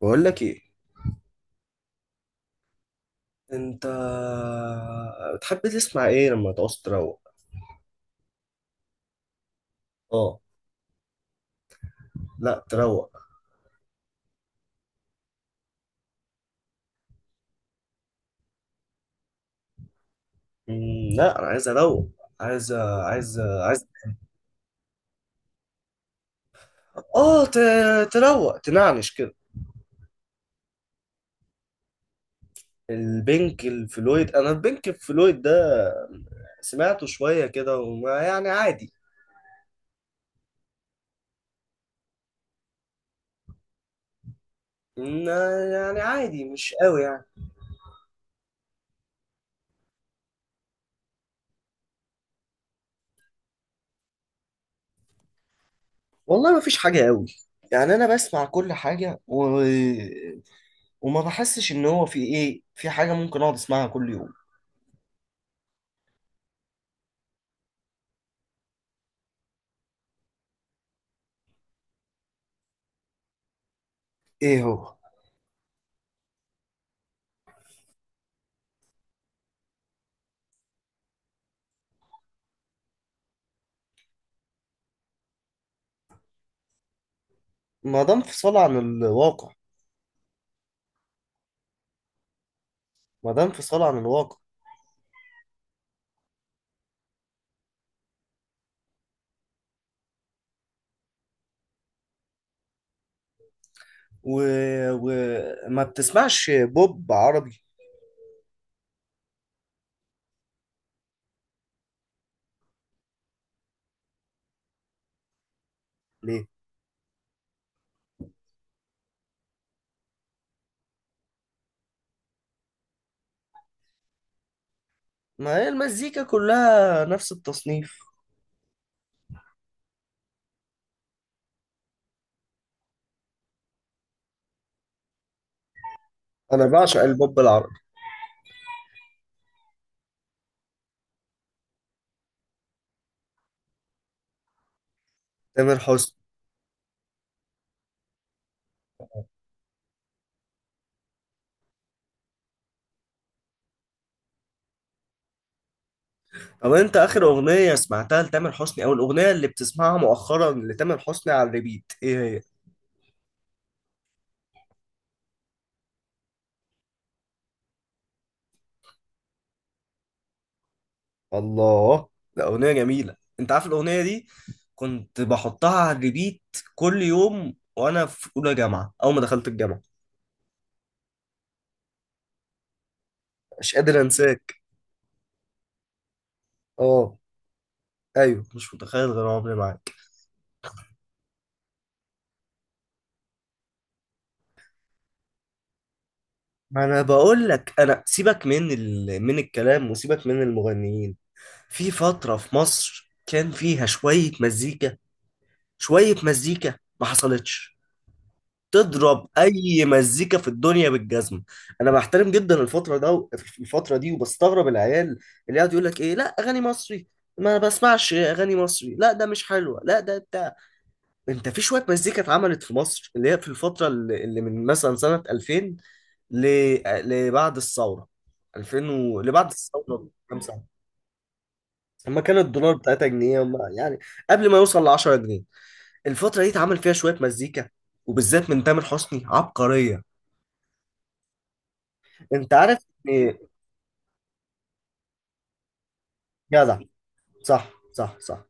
بقول لك ايه؟ انت بتحب تسمع ايه لما تعوز تروق؟ اه، لا تروق. لا، انا عايز اروق. عايز عايز عايز. اه، تروق تنعنش كده. البنك الفلويد، انا البنك الفلويد ده سمعته شوية كده وما يعني عادي. إن- يعني عادي، مش قوي يعني. والله ما فيش حاجة قوي. يعني أنا بسمع كل حاجة وما بحسش إن هو في إيه، في حاجة ممكن أقعد أسمعها كل يوم. إيه هو؟ ما ده انفصال عن الواقع. ما ده انفصال عن الواقع. وما و... وما بتسمعش بوب عربي؟ ليه؟ ما هي المزيكا كلها نفس التصنيف. انا بعشق البوب العربي. تامر حسني. طب انت اخر اغنية سمعتها لتامر حسني او الاغنية اللي بتسمعها مؤخرا لتامر حسني على الريبيت ايه هي؟ الله. ده اغنية جميلة، انت عارف الاغنية دي؟ كنت بحطها على الريبيت كل يوم وانا في اولى جامعة اول ما دخلت الجامعة. مش قادر انساك. اه، ايوه، مش متخيل غير عمري معاك. ما انا بقول لك، انا سيبك من الكلام وسيبك من المغنيين. في فتره في مصر كان فيها شويه مزيكا. شويه مزيكا ما حصلتش. تضرب اي مزيكا في الدنيا بالجزمه. انا بحترم جدا الفتره ده الفتره دي، وبستغرب العيال اللي قاعد يقول لك ايه، لا اغاني مصري ما بسمعش اغاني مصري، لا ده مش حلوه، لا ده بتاع. انت في شويه مزيكا اتعملت في مصر، اللي هي في الفتره اللي من مثلا سنه 2000 ل... لبعد الثورة. 2000 لبعد الثورة بكام سنة. لما كان الدولار بتاعتها جنيه يعني قبل ما يوصل ل 10 جنيه. الفترة دي اتعمل فيها شوية مزيكا، وبالذات من تامر حسني، عبقرية. انت عارف ان... جدع. صح، صح، صح.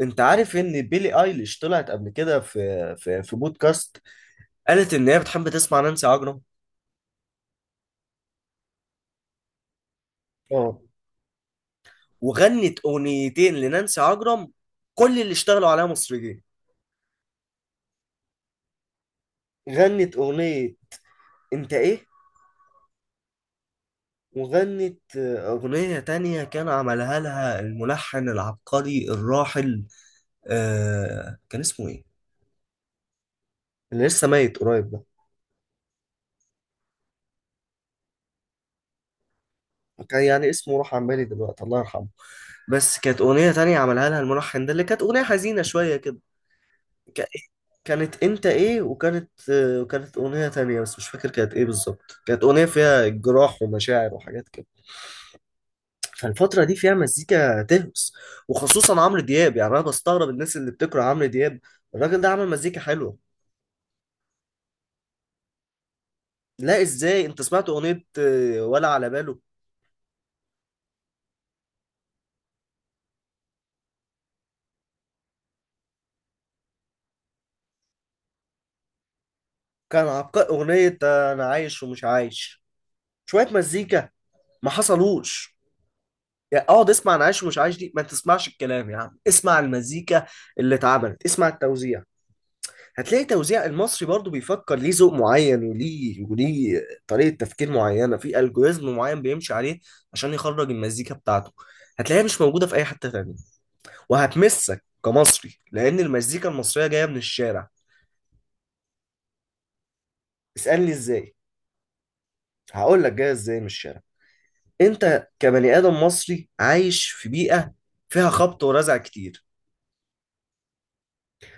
انت عارف ان بيلي ايليش طلعت قبل كده في بودكاست. قالت ان هي بتحب تسمع نانسي عجرم. اه. وغنت اغنيتين لنانسي عجرم، كل اللي اشتغلوا عليها مصريين. غنت اغنية انت ايه، وغنت أغنية تانية كان عملها لها الملحن العبقري الراحل. كان اسمه إيه؟ اللي لسه ميت قريب ده. كان يعني اسمه راح عن بالي دلوقتي، الله يرحمه. بس كانت أغنية تانية عملها لها الملحن ده، اللي كانت أغنية حزينة شوية كده. ك- كانت أنت إيه، وكانت أغنية تانية بس مش فاكر كانت إيه بالظبط، كانت أغنية فيها جراح ومشاعر وحاجات كده. فالفترة دي فيها مزيكا تهمس، وخصوصا عمرو دياب. يعني انا بستغرب الناس اللي بتكره عمرو دياب. الراجل ده عمل مزيكا حلوة. لا، ازاي انت سمعت اغنية ولا على باله. كان عبقري اغنية انا عايش ومش عايش. شوية مزيكا ما حصلوش. يعني اقعد اسمع انا عايش ومش عايش دي، ما تسمعش الكلام يا عم، اسمع المزيكا اللي اتعملت، اسمع التوزيع. هتلاقي توزيع المصري برضو بيفكر ليه ذوق معين وليه وليه، طريقة تفكير معينة في الجوريزم معين بيمشي عليه عشان يخرج المزيكا بتاعته. هتلاقيها مش موجودة في أي حتة تانية. وهتمسك كمصري لأن المزيكا المصرية جاية من الشارع. اسألني إزاي. هقول لك جاية إزاي من الشارع. أنت كبني آدم مصري عايش في بيئة فيها خبط ورزع كتير،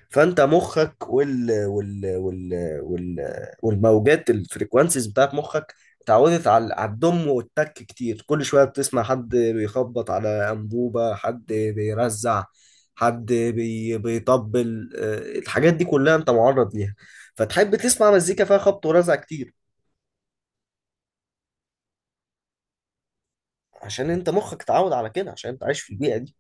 فانت مخك وال والموجات الفريكوانسيز بتاعت مخك اتعودت على على الضم والتك كتير. كل شويه بتسمع حد بيخبط على انبوبه، حد بيرزع، حد بيطبل. الحاجات دي كلها انت معرض ليها، فتحب تسمع مزيكا فيها خبط ورزع كتير. عشان انت مخك اتعود على كده، عشان انت عايش في البيئه دي.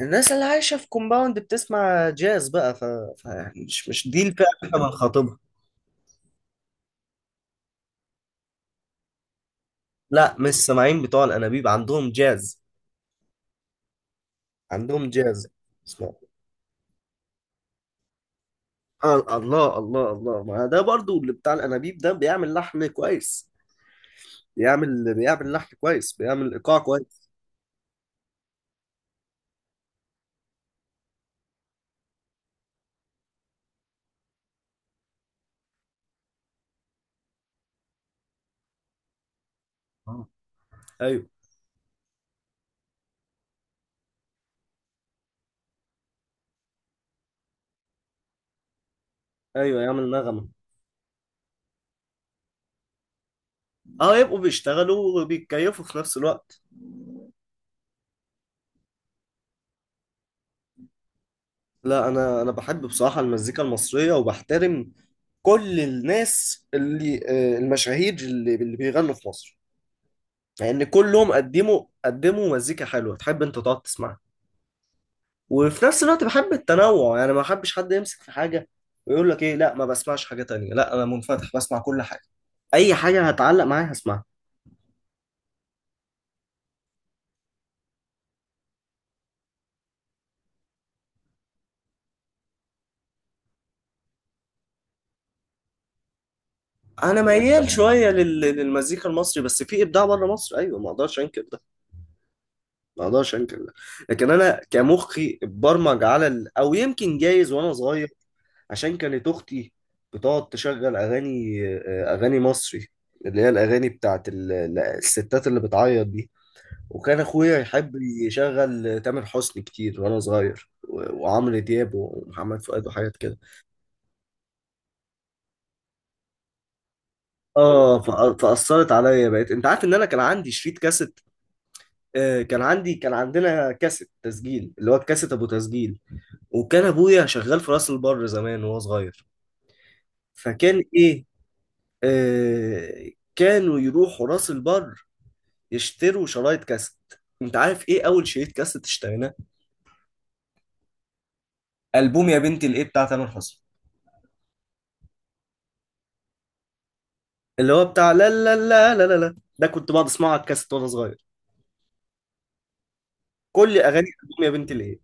الناس اللي عايشه في كومباوند بتسمع جاز بقى. ف... مش دي الفئه اللي احنا بنخاطبها. لا، مش السماعين بتوع الانابيب، عندهم جاز، عندهم جاز. اسمع. الله الله الله. ما ده برضو اللي بتاع الانابيب ده بيعمل لحن كويس. بيعمل لحن كويس، بيعمل ايقاع كويس. آه. ايوه، ايوه، يعمل نغمه. اه، يبقوا بيشتغلوا وبيتكيفوا في نفس الوقت. لا، انا بحب بصراحه المزيكا المصريه، وبحترم كل الناس اللي المشاهير اللي بيغنوا في مصر، لان يعني كلهم قدموا قدموا مزيكا حلوه تحب انت تقعد تسمعها. وفي نفس الوقت بحب التنوع، يعني ما بحبش حد يمسك في حاجة ويقول لك ايه، لا ما بسمعش حاجة تانية. لا، انا منفتح بسمع كل حاجة. اي حاجة هتعلق معايا هسمعها. انا ميال شوية للمزيكا المصري، بس في ابداع بره مصر ايوه، ما اقدرش انكر ده. ما اقدرش انكر ده. لكن انا كمخي اتبرمج او يمكن جايز وانا صغير، عشان كانت اختي بتقعد تشغل اغاني اغاني مصري، اللي هي الاغاني بتاعت الستات اللي بتعيط دي. وكان اخويا يحب يشغل تامر حسني كتير وانا صغير، وعمرو دياب ومحمد فؤاد وحاجات كده. اه، فاثرت عليا. بقيت انت عارف ان انا كان عندي شريط كاسيت. كان عندنا كاسيت تسجيل اللي هو الكاسيت ابو تسجيل. وكان ابويا شغال في راس البر زمان وهو صغير، فكان ايه، كانوا يروحوا راس البر يشتروا شرايط كاسيت. انت عارف ايه اول شريط كاسيت اشتريناه؟ البوم يا بنتي الايه بتاع تامر حسني، اللي هو بتاع لا لا لا لا لا لا ده. كنت بقعد اسمعه على الكاسيت وانا صغير. كل اغاني الألبوم يا بنتي ليه.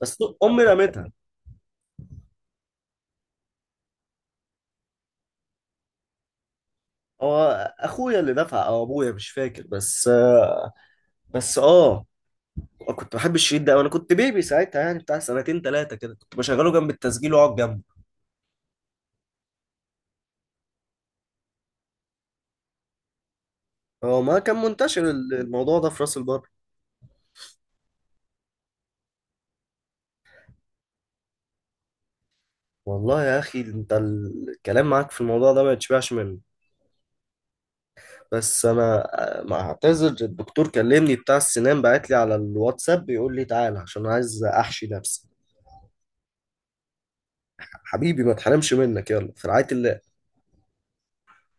بس امي رمتها. هو اخويا اللي دفع او ابويا، مش فاكر. بس، بس اه، كنت بحب الشريط ده وانا كنت بيبي ساعتها، يعني بتاع سنتين ثلاثه كده، كنت بشغله جنب التسجيل واقعد جنبه. هو ما كان منتشر الموضوع ده في راس البر. والله يا اخي انت الكلام معاك في الموضوع ده ما يتشبعش منه. بس انا، ما اعتذر، الدكتور كلمني بتاع السنان بعت لي على الواتساب بيقول لي تعالى عشان عايز احشي نفسي. حبيبي ما تحرمش منك، يلا في رعاية الله.